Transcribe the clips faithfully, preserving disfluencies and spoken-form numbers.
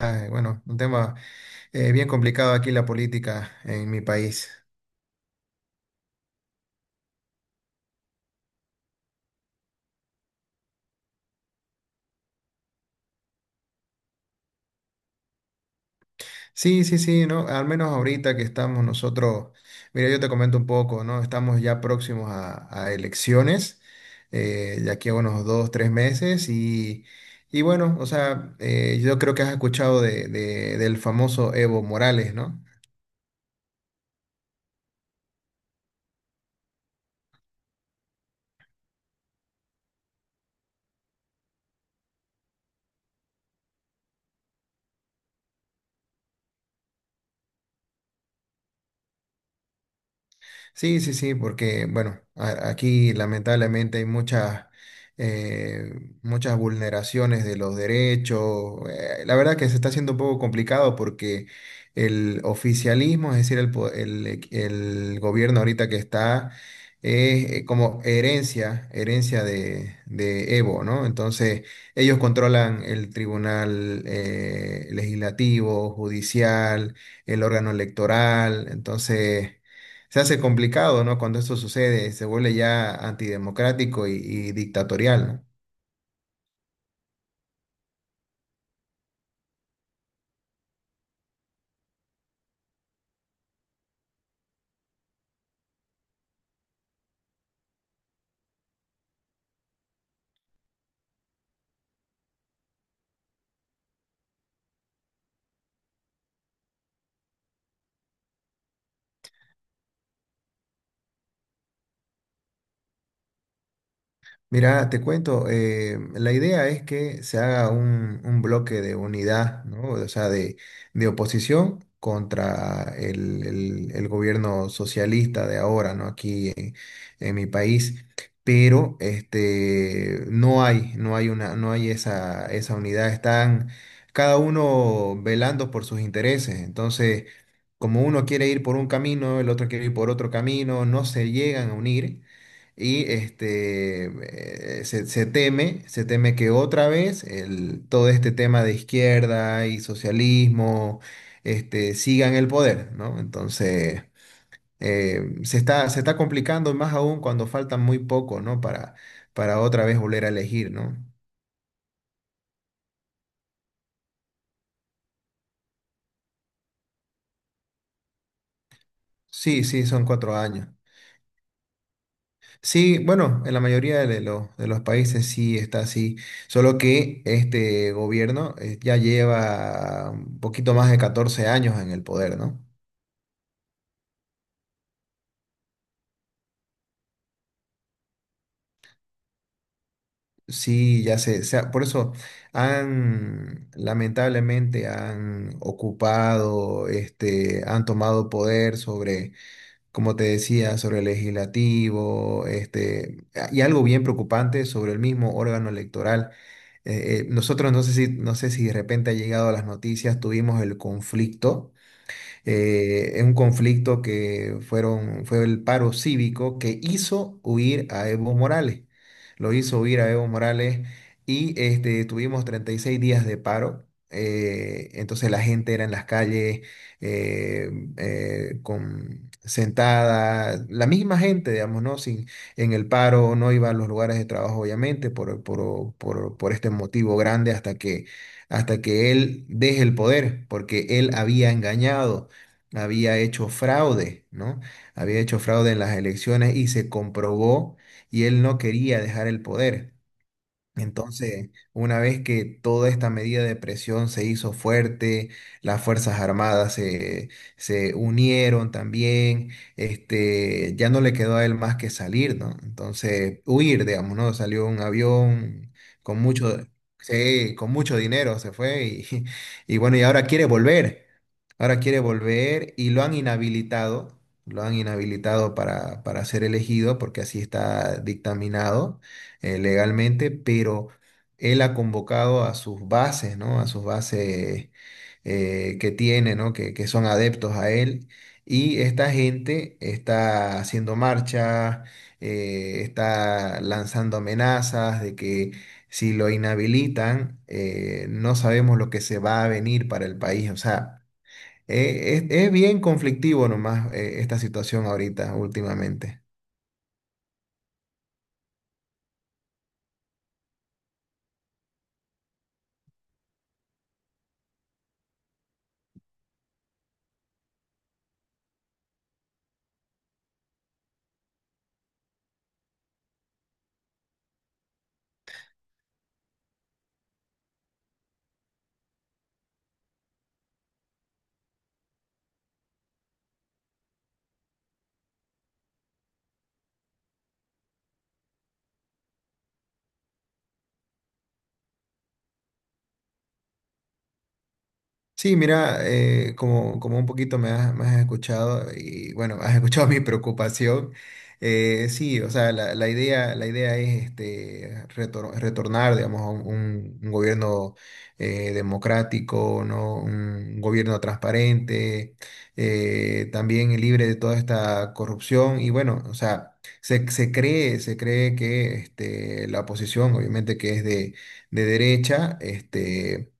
Ah, bueno, un tema eh, bien complicado aquí la política en mi país. Sí, sí, sí, ¿no? Al menos ahorita que estamos nosotros, mira, yo te comento un poco, ¿no? Estamos ya próximos a, a elecciones, eh, de aquí a unos dos, tres meses, y, y bueno, o sea, eh, yo creo que has escuchado de, de- del famoso Evo Morales, ¿no? Sí, sí, sí, porque bueno, a- aquí lamentablemente hay muchas, eh, muchas vulneraciones de los derechos. Eh, la verdad que se está haciendo un poco complicado porque el oficialismo, es decir, el, po- el, el gobierno ahorita que está, es eh, como herencia, herencia de, de Evo, ¿no? Entonces, ellos controlan el tribunal eh, legislativo, judicial, el órgano electoral, entonces se hace complicado, ¿no? Cuando esto sucede, se vuelve ya antidemocrático y, y dictatorial, ¿no? Mira, te cuento, eh, la idea es que se haga un, un bloque de unidad, ¿no? O sea, de, de oposición contra el, el- el gobierno socialista de ahora, ¿no? Aquí en, en mi país. Pero este, no hay, no hay una, no hay esa, esa unidad. Están cada uno velando por sus intereses. Entonces, como uno quiere ir por un camino, el otro quiere ir por otro camino, no se llegan a unir. Y este, eh, se, se teme, se teme que otra vez el, todo este tema de izquierda y socialismo este, siga en el poder, ¿no? Entonces, eh, se está, se está complicando más aún cuando faltan muy poco, ¿no? Para, para otra vez volver a elegir, ¿no? Sí, sí, son cuatro años. Sí, bueno, en la mayoría de los, de los países sí está así, solo que este gobierno eh, ya lleva un poquito más de catorce años en el poder, ¿no? Sí, ya se, se ha- por eso han, lamentablemente han ocupado, este, han tomado poder sobre como te decía, sobre el legislativo, este, y algo bien preocupante sobre el mismo órgano electoral. Eh, eh, nosotros no sé si, no sé si de repente ha llegado a las noticias, tuvimos el conflicto eh, en un conflicto que fueron, fue el paro cívico que hizo huir a Evo Morales. Lo hizo huir a Evo Morales y este, tuvimos treinta y seis días de paro. Eh, entonces la gente era en las calles eh, eh, con, sentada, la misma gente, digamos, ¿no? Sin, En el paro, no iba a los lugares de trabajo, obviamente, por, por, por, por este motivo grande hasta que, hasta que él deje el poder, porque él había engañado, había hecho fraude, ¿no? Había hecho fraude en las elecciones y se comprobó y él no quería dejar el poder. Entonces, una vez que toda esta medida de presión se hizo fuerte, las Fuerzas Armadas se, se unieron también, este, ya no le quedó a él más que salir, ¿no? Entonces, huir, digamos, ¿no? Salió un avión con mucho, sí, con mucho dinero, se fue y, y bueno, y ahora quiere volver, ahora quiere volver y lo han inhabilitado, lo han inhabilitado para, para ser elegido porque así está dictaminado eh, legalmente, pero él ha convocado a sus bases, ¿no? A sus bases eh, que tiene, ¿no? Que, que son adeptos a él. Y esta gente está haciendo marcha, eh, está lanzando amenazas de que si lo inhabilitan, eh, no sabemos lo que se va a venir para el país. O sea, eh, es, es bien conflictivo nomás, eh, esta situación ahorita, últimamente. Sí, mira, eh, como, como un poquito me has, me has escuchado y bueno, has escuchado mi preocupación. Eh, sí, o sea, la, la idea, la idea es este, retor- retornar, digamos, a un, un gobierno eh, democrático, ¿no? Un gobierno transparente, eh, también libre de toda esta corrupción. Y bueno, o sea, se, se cree, se cree que este, la oposición, obviamente que es de, de derecha, este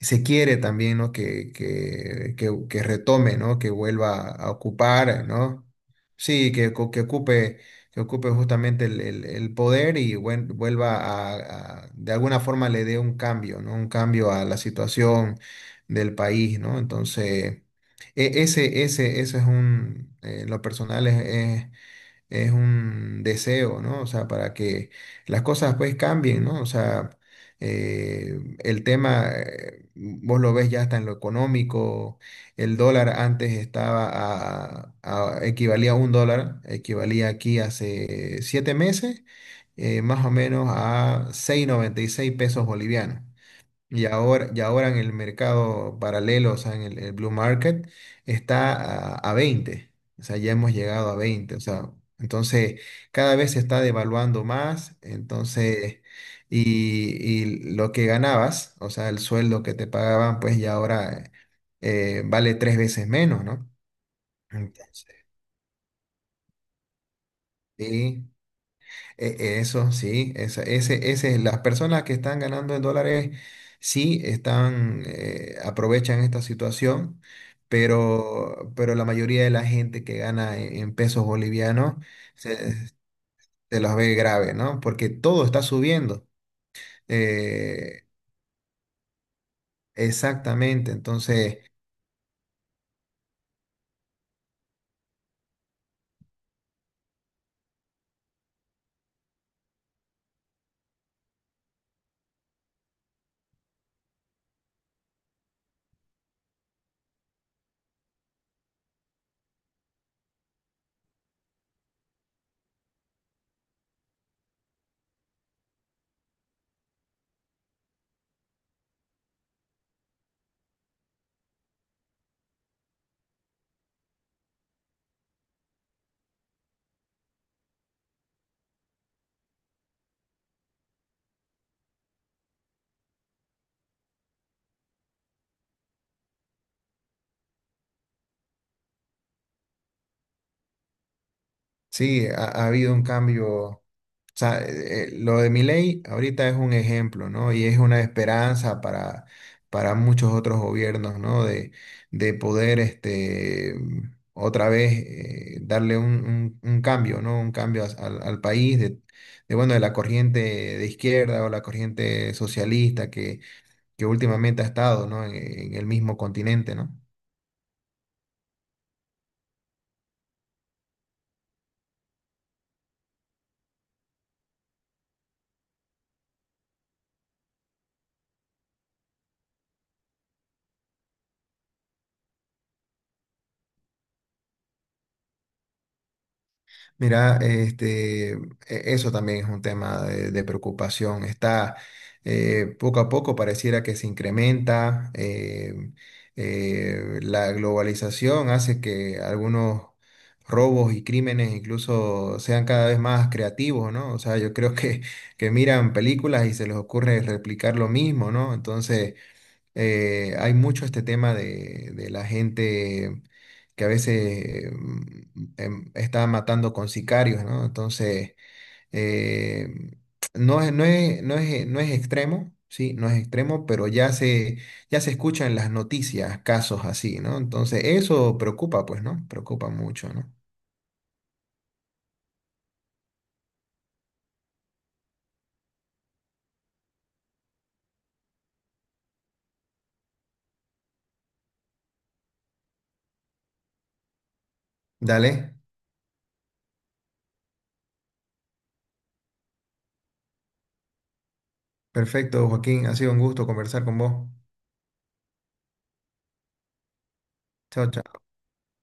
se quiere también, ¿no? Que, que, que, que retome, ¿no? Que vuelva a ocupar, ¿no? Sí, que, ocu- que ocupe, que ocupe justamente el, el- el poder y vuel- vuelva a, a- de alguna forma le dé un cambio, ¿no? Un cambio a la situación del país, ¿no? Entonces, e- ese, ese, ese es un, eh, en lo personal es un deseo, ¿no? O sea, para que las cosas pues cambien, ¿no? O sea, eh, el tema, eh, vos lo ves ya hasta en lo económico, el dólar antes estaba a, a- equivalía a un dólar, equivalía aquí hace siete meses, eh, más o menos a seis coma noventa y seis pesos bolivianos. Y ahora, y ahora en el mercado paralelo, o sea, en el, el blue market, está a, a veinte. O sea, ya hemos llegado a veinte. O sea, entonces cada vez se está devaluando más. Entonces, y, y lo que ganabas, o sea, el sueldo que te pagaban, pues ya ahora eh, vale tres veces menos, ¿no? Entonces, sí. E- Eso sí, esa- ese, ese, las personas que están ganando en dólares sí están, eh, aprovechan esta situación, pero, pero la mayoría de la gente que gana en, en pesos bolivianos se, se los ve grave, ¿no? Porque todo está subiendo. Eh, Exactamente, entonces. Sí, ha, ha habido un cambio. O sea, eh, eh, lo de Milei ahorita es un ejemplo, ¿no? Y es una esperanza para, para muchos otros gobiernos, ¿no? De, de poder este, otra vez eh, darle un, un- un cambio, ¿no? Un cambio as- al, al país de, de, bueno, de la corriente de izquierda o la corriente socialista que, que últimamente ha estado, ¿no? En, en el mismo continente, ¿no? Mira, este, e- eso también es un tema de, de preocupación. Está eh, poco a poco pareciera que se incrementa. Eh, eh, la globalización hace que algunos robos y crímenes incluso sean cada vez más creativos, ¿no? O sea, yo creo que, que miran películas y se les ocurre replicar lo mismo, ¿no? Entonces eh, hay mucho este tema de, de la gente que a veces mm, em, está matando con sicarios, ¿no? Entonces, eh, no es, no es, no es, no es extremo, sí, no es extremo, pero ya se, ya se escuchan las noticias casos así, ¿no? Entonces, eso preocupa, pues, ¿no? Preocupa mucho, ¿no? Dale, perfecto, Joaquín, ha sido un gusto conversar con vos. Chao, chao.